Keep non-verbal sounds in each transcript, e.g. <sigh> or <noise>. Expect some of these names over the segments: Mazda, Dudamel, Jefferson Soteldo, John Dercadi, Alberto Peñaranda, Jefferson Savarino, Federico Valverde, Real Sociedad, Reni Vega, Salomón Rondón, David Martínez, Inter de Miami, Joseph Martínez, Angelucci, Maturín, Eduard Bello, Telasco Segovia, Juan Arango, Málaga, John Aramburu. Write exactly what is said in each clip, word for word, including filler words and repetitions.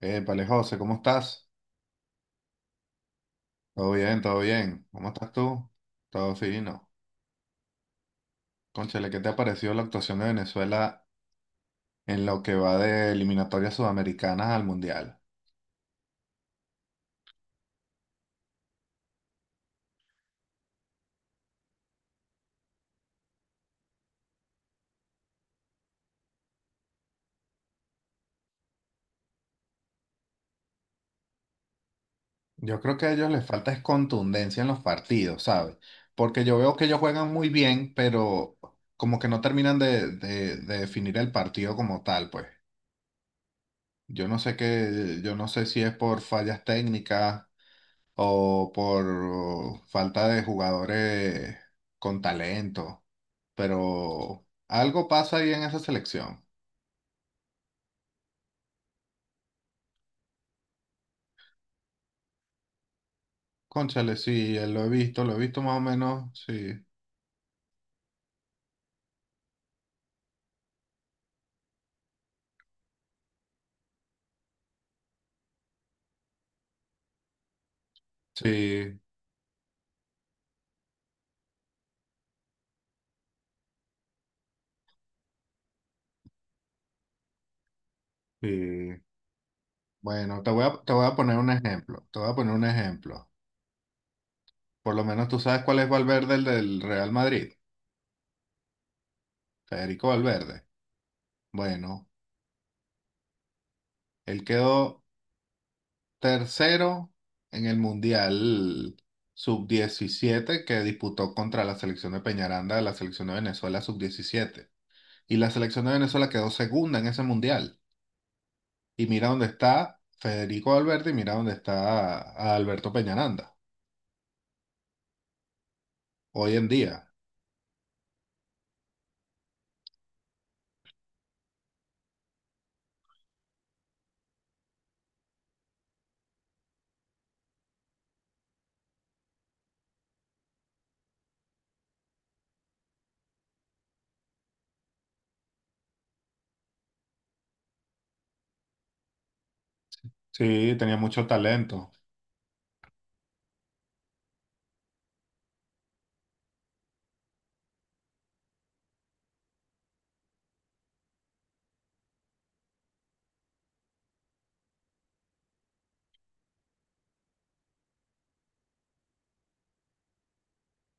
Épale, José, ¿cómo estás? Todo bien, todo bien. ¿Cómo estás tú? Todo fino. Cónchale, ¿qué te ha parecido la actuación de Venezuela en lo que va de eliminatorias sudamericanas al Mundial? Yo creo que a ellos les falta es contundencia en los partidos, ¿sabes? Porque yo veo que ellos juegan muy bien, pero como que no terminan de, de- de definir el partido como tal, pues. Yo no sé qué, yo no sé si es por fallas técnicas o por falta de jugadores con talento, pero algo pasa ahí en esa selección. Cónchale, sí, eh, lo he visto, lo he visto más o menos, sí, sí, sí. Bueno, te voy a, te voy a poner un ejemplo, te voy a poner un ejemplo. Por lo menos tú sabes cuál es Valverde, el del Real Madrid, Federico Valverde. Bueno, él quedó tercero en el Mundial sub diecisiete que disputó contra la selección de Peñaranda de la selección de Venezuela sub diecisiete. Y la selección de Venezuela quedó segunda en ese Mundial. Y mira dónde está Federico Valverde y mira dónde está a Alberto Peñaranda hoy en día. Sí, tenía mucho talento.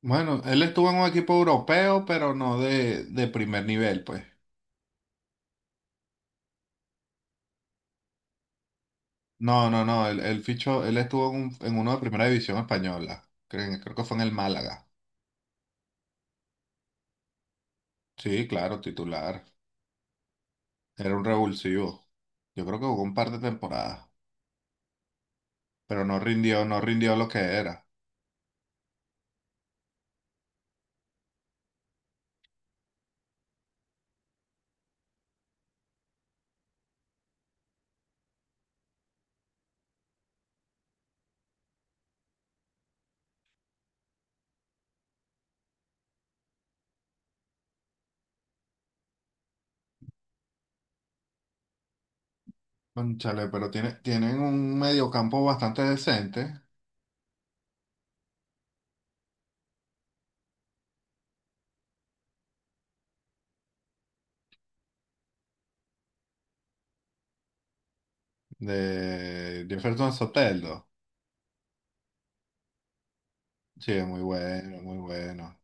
Bueno, él estuvo en un equipo europeo, pero no de, de primer nivel, pues. No, no, no, él, él fichó, él estuvo en, un- en uno de primera división española. Creo, creo que fue en el Málaga. Sí, claro, titular. Era un revulsivo. Yo creo que jugó un par de temporadas, pero no rindió, no rindió lo que era. Cónchale, pero tiene, tienen un mediocampo bastante decente de Jefferson Soteldo. Sí, es muy bueno, muy bueno.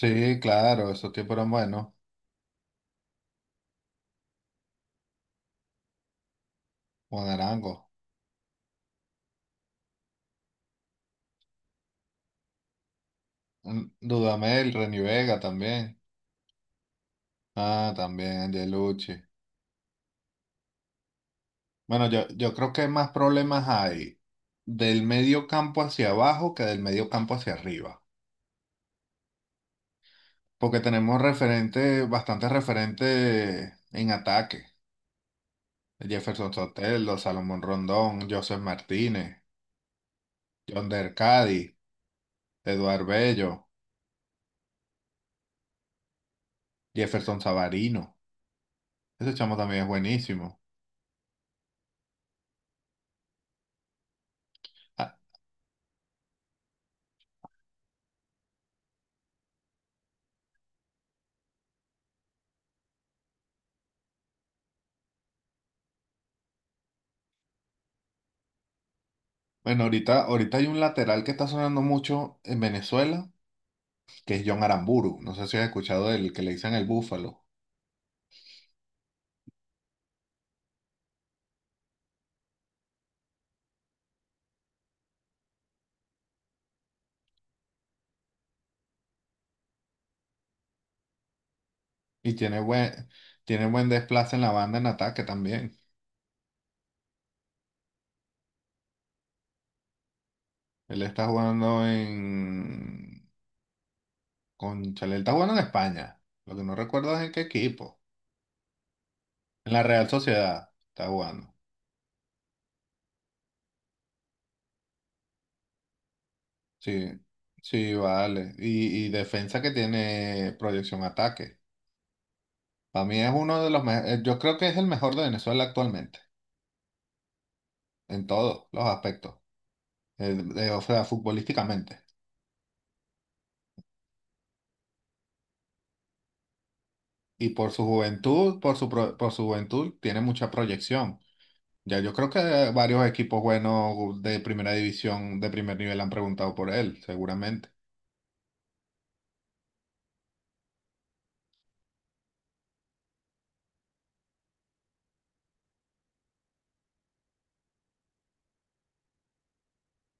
Sí, claro, esos tipos eran buenos. Juan Arango, mm, Dudamel, Reni Vega también. Ah, también Angelucci. Bueno, yo, yo creo que más problemas hay del medio campo hacia abajo que del medio campo hacia arriba. Porque tenemos referentes, bastantes referentes en ataque. Jefferson Sotelo, Salomón Rondón, Joseph Martínez, John Dercadi, Eduard Bello, Jefferson Savarino. Ese chamo también es buenísimo. Ah, bueno, ahorita, ahorita hay un lateral que está sonando mucho en Venezuela, que es John Aramburu. No sé si has escuchado del que le dicen el Búfalo. Y tiene buen, tiene buen desplace en la banda en ataque también. Él está jugando en cónchale, él está jugando en España. Lo que no recuerdo es en qué equipo. En la Real Sociedad está jugando. Sí, sí, vale. Y, y defensa que tiene proyección ataque. Para mí es uno de los mejores. Yo creo que es el mejor de Venezuela actualmente, en todos los aspectos. Eh, de- o sea, futbolísticamente. Y por su juventud, por su, pro- por su juventud, tiene mucha proyección. Ya yo creo que varios equipos buenos de primera división, de primer nivel, han preguntado por él, seguramente.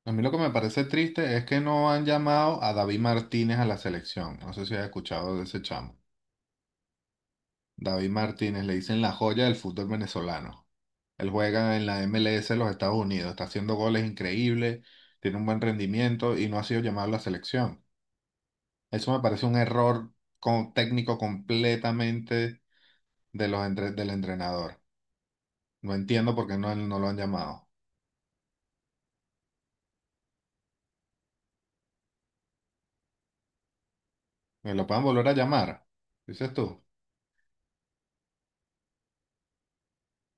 A mí lo que me parece triste es que no han llamado a David Martínez a la selección. No sé si has escuchado de ese chamo. David Martínez le dicen la joya del fútbol venezolano. Él juega en la M L S de los Estados Unidos, está haciendo goles increíbles, tiene un buen rendimiento y no ha sido llamado a la selección. Eso me parece un error con- técnico completamente de los entre- del entrenador. No entiendo por qué no, no lo han llamado. ¿Me lo pueden volver a llamar? Dices tú.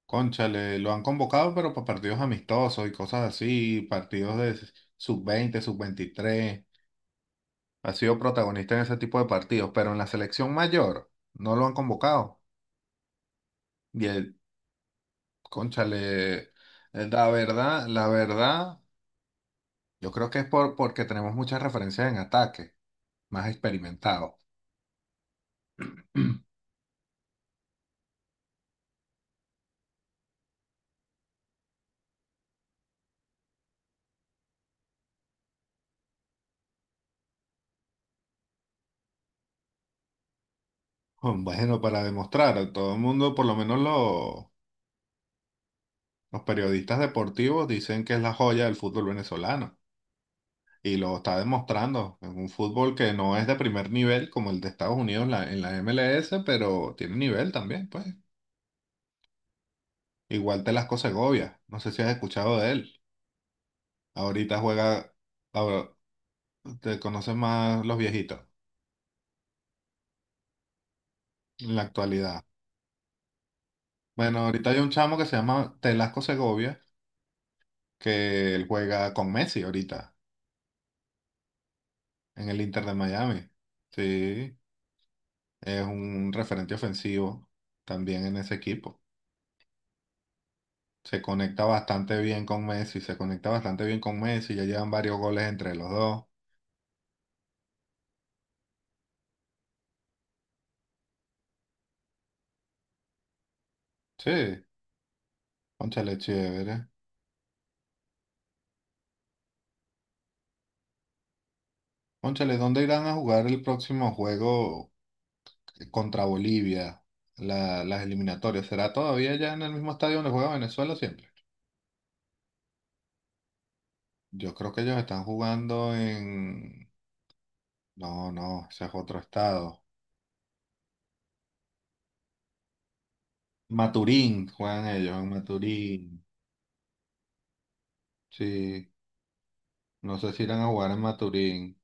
Cónchale, lo han convocado, pero para partidos amistosos y cosas así, partidos de sub veinte, sub veintitrés. Ha sido protagonista en ese tipo de partidos, pero en la selección mayor no lo han convocado. Y el, cónchale, la verdad, la verdad, yo creo que es por, porque tenemos muchas referencias en ataque, más experimentados. <clears throat> Bueno, para demostrar, todo el mundo, por lo menos lo- los periodistas deportivos, dicen que es la joya del fútbol venezolano. Y lo está demostrando en un fútbol que no es de primer nivel como el de Estados Unidos en la, en la M L S, pero tiene nivel también, pues. Igual Telasco Segovia, no sé si has escuchado de él. Ahorita juega, ahora, te conocen más los viejitos en la actualidad. Bueno, ahorita hay un chamo que se llama Telasco Segovia, que él juega con Messi ahorita en el Inter de Miami. Sí, es un referente ofensivo también en ese equipo. Se conecta bastante bien con Messi, se conecta bastante bien con Messi, ya llevan varios goles entre los dos. Sí, cónchale, chévere. Cónchale, ¿dónde irán a jugar el próximo juego contra Bolivia? La- las eliminatorias, ¿será todavía ya en el mismo estadio donde juega Venezuela siempre? Yo creo que ellos están jugando en... No, no, ese es otro estado. Maturín, juegan ellos en Maturín. Sí, no sé si irán a jugar en Maturín.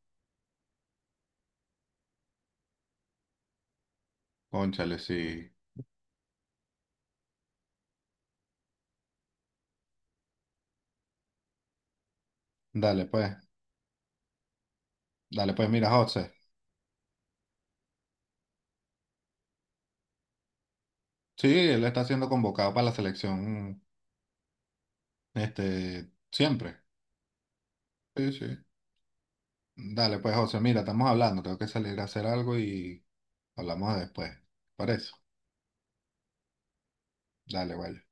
Cónchale, sí. Dale pues, dale pues, mira, José. Sí, él está siendo convocado para la selección, este, siempre. Sí, sí. Dale, pues, José, mira, estamos hablando, tengo que salir a hacer algo y hablamos después. Por eso. Dale, vaya.